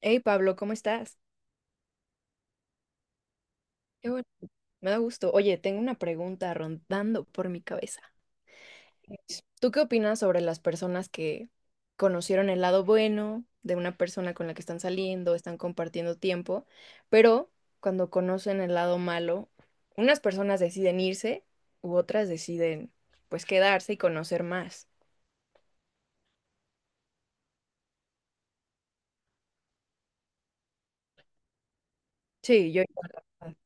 Hey Pablo, ¿cómo estás? Qué bueno, me da gusto. Oye, tengo una pregunta rondando por mi cabeza. Es, ¿tú qué opinas sobre las personas que conocieron el lado bueno de una persona con la que están saliendo, están compartiendo tiempo, pero cuando conocen el lado malo, unas personas deciden irse u otras deciden pues quedarse y conocer más? Sí, yo igual, la verdad.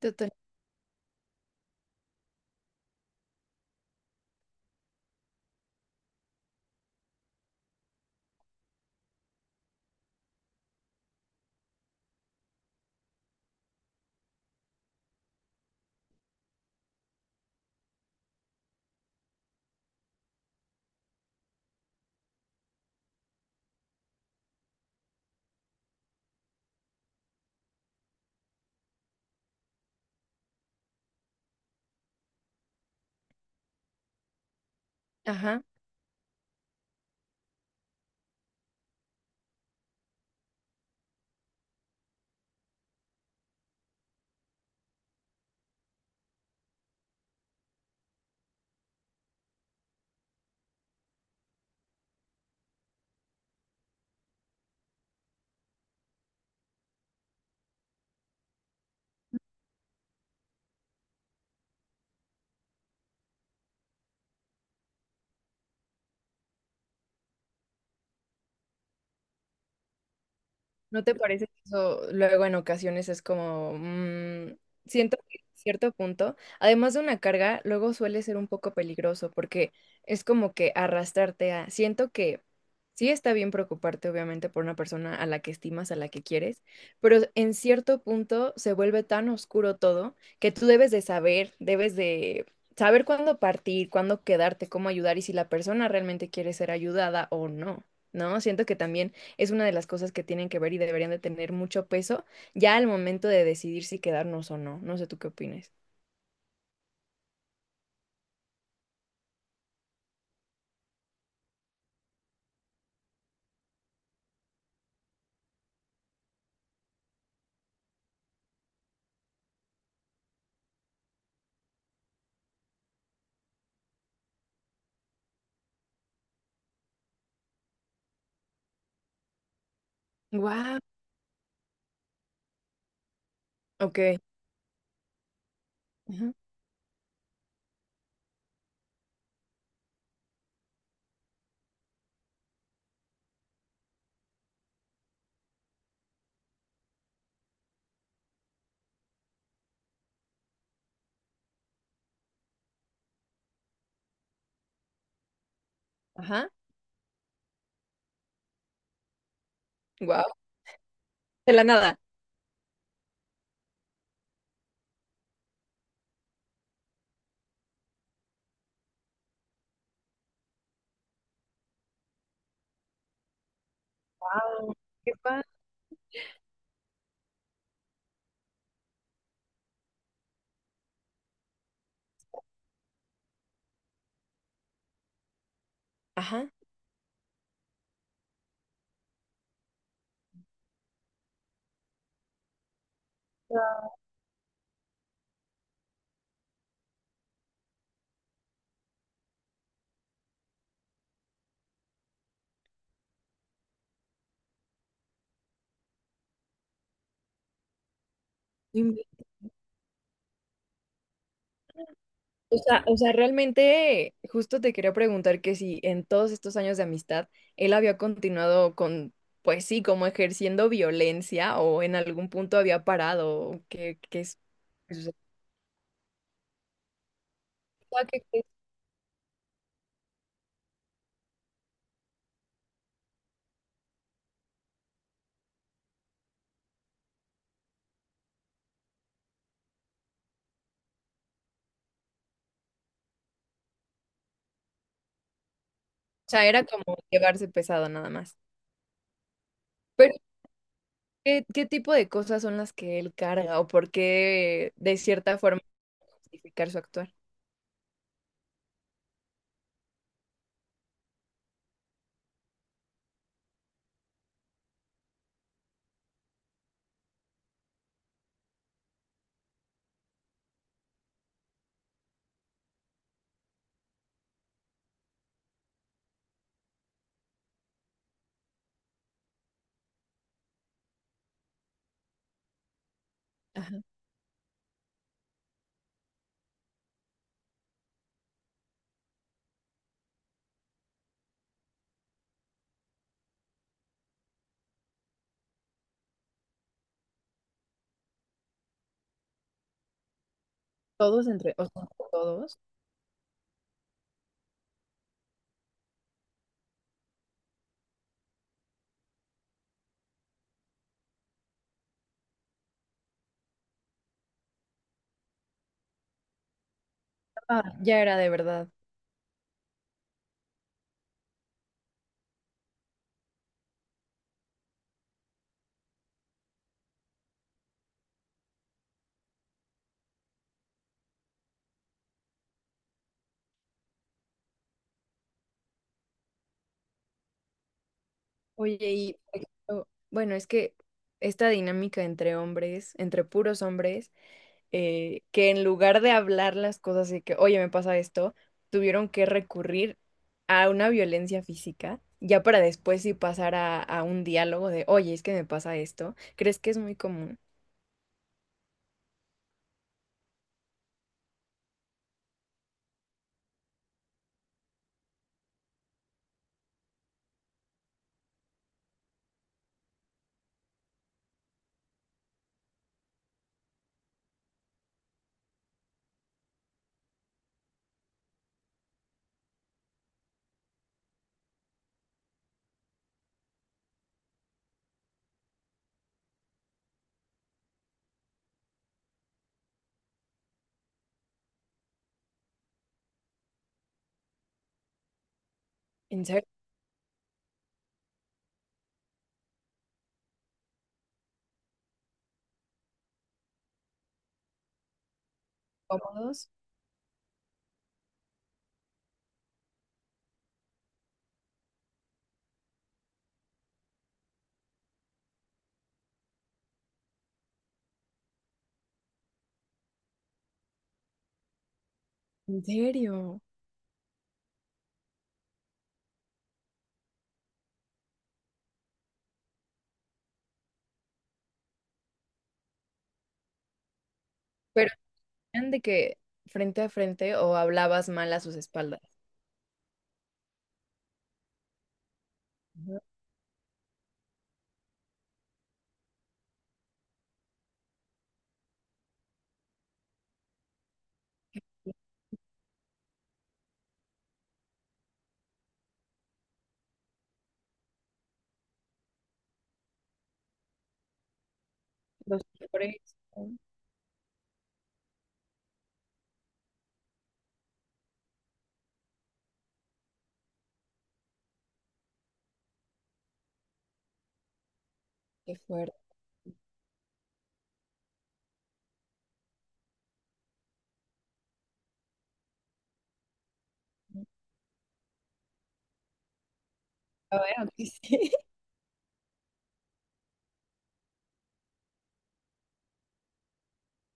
Total- Ajá. ¿No te parece que eso luego en ocasiones es como, siento que en cierto punto, además de una carga, luego suele ser un poco peligroso porque es como que arrastrarte a, siento que sí está bien preocuparte obviamente por una persona a la que estimas, a la que quieres, pero en cierto punto se vuelve tan oscuro todo que tú debes de saber cuándo partir, cuándo quedarte, cómo ayudar y si la persona realmente quiere ser ayudada o no, ¿no? Siento que también es una de las cosas que tienen que ver y deberían de tener mucho peso ya al momento de decidir si quedarnos o no. No sé tú qué opines. Wow. Ok. Ujú. Ajá. Wow. De la nada. Wow. Qué padre. Ajá. Inve- o sea, realmente justo te quería preguntar que si en todos estos años de amistad él había continuado con, pues sí, como ejerciendo violencia o en algún punto había parado, o qué, qué es, qué sucedió. O sea, que- o sea, era como llevarse pesado nada más. Pero ¿qué, qué tipo de cosas son las que él carga o por qué de cierta forma justificar su actuar? Ajá. Todos entre, o sea, todos. Ah, ya era de verdad. Oye, y por ejemplo, bueno, es que esta dinámica entre hombres, entre puros hombres, que en lugar de hablar las cosas y que, oye, me pasa esto, tuvieron que recurrir a una violencia física, ya para después sí pasar a un diálogo de, oye, es que me pasa esto. ¿Crees que es muy común? ¿En serio? ¿Cómodos? ¿En serio? Pero eran de que frente a frente o hablabas mal a sus espaldas. Ajá. Los Por qué fuerte. A ver, aunque sí.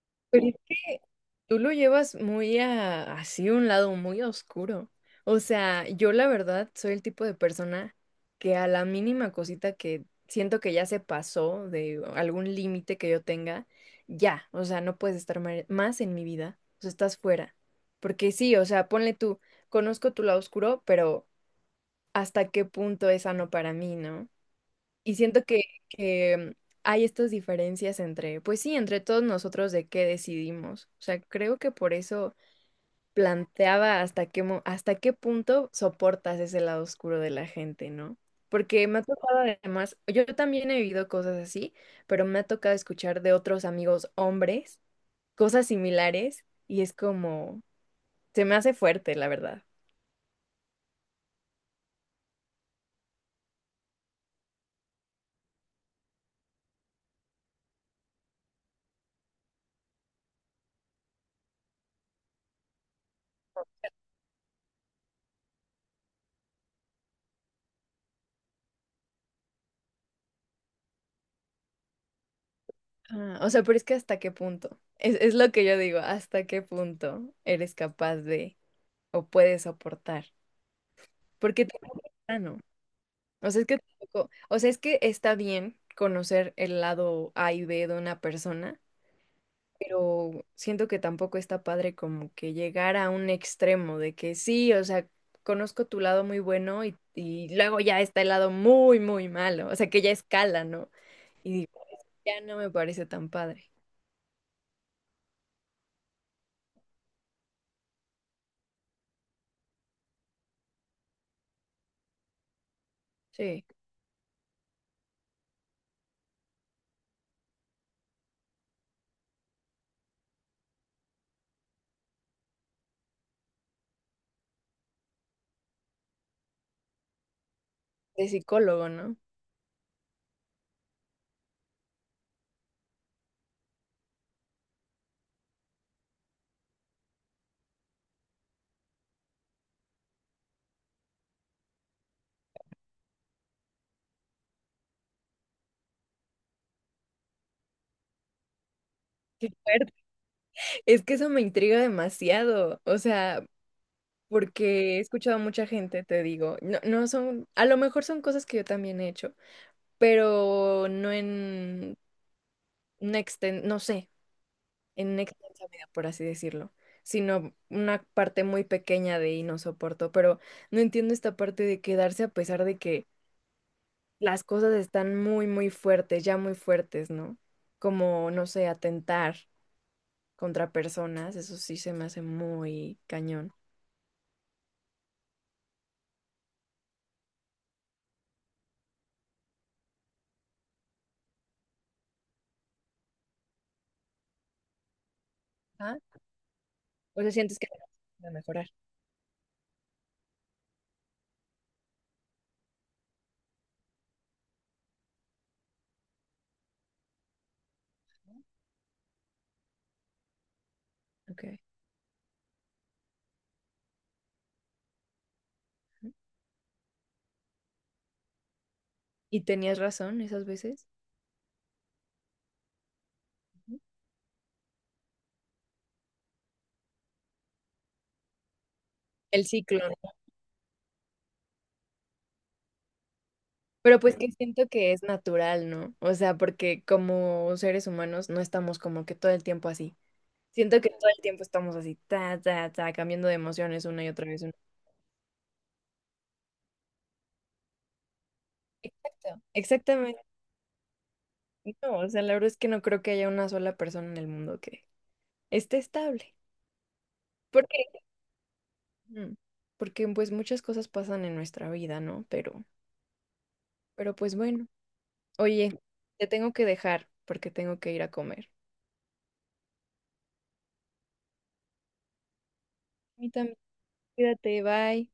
Pero es que tú lo llevas muy a, así un lado muy oscuro. O sea, yo la verdad soy el tipo de persona que a la mínima cosita que siento que ya se pasó de algún límite que yo tenga, ya, o sea, no puedes estar ma- más en mi vida, o sea, estás fuera. Porque sí, o sea, ponle tú, conozco tu lado oscuro, pero ¿hasta qué punto es sano para mí, no? Y siento que hay estas diferencias entre, pues sí, entre todos nosotros de qué decidimos. O sea, creo que por eso planteaba hasta qué, mo- hasta qué punto soportas ese lado oscuro de la gente, ¿no? Porque me ha tocado además, yo también he vivido cosas así, pero me ha tocado escuchar de otros amigos hombres cosas similares y es como, se me hace fuerte, la verdad. Ah, o sea, pero es que hasta qué punto, es lo que yo digo, hasta qué punto eres capaz de o puedes soportar, porque te... O sea, es que tampoco- o sea, es que está bien conocer el lado A y B de una persona, pero siento que tampoco está padre como que llegar a un extremo de que sí, o sea, conozco tu lado muy bueno y luego ya está el lado muy, muy malo, o sea, que ya escala, ¿no? Y digo, ya no me parece tan padre. Sí, de psicólogo, ¿no? Qué fuerte. Es que eso me intriga demasiado, o sea, porque he escuchado a mucha gente, te digo, no, no son, a lo mejor son cosas que yo también he hecho pero no en una exten- no sé, en una extensa medida, por así decirlo, sino una parte muy pequeña de y no soporto, pero no entiendo esta parte de quedarse a pesar de que las cosas están muy, muy fuertes, ya muy fuertes, ¿no? Como, no sé, atentar contra personas, eso sí se me hace muy cañón. ¿Ah? O sea, sientes que va a mejorar. Ok. ¿Y tenías razón esas veces? Ujú. El ciclo, pero pues que siento que es natural, ¿no? O sea, porque como seres humanos no estamos como que todo el tiempo así. Siento que todo el tiempo estamos así, ta, ta, ta, cambiando de emociones una y otra vez. Una- Exacto, exactamente. No, o sea, la verdad es que no creo que haya una sola persona en el mundo que esté estable. ¿Por qué? Mm, porque pues muchas cosas pasan en nuestra vida, ¿no? Pero pues bueno. Oye, te tengo que dejar porque tengo que ir a comer. A mí también. Cuídate, bye.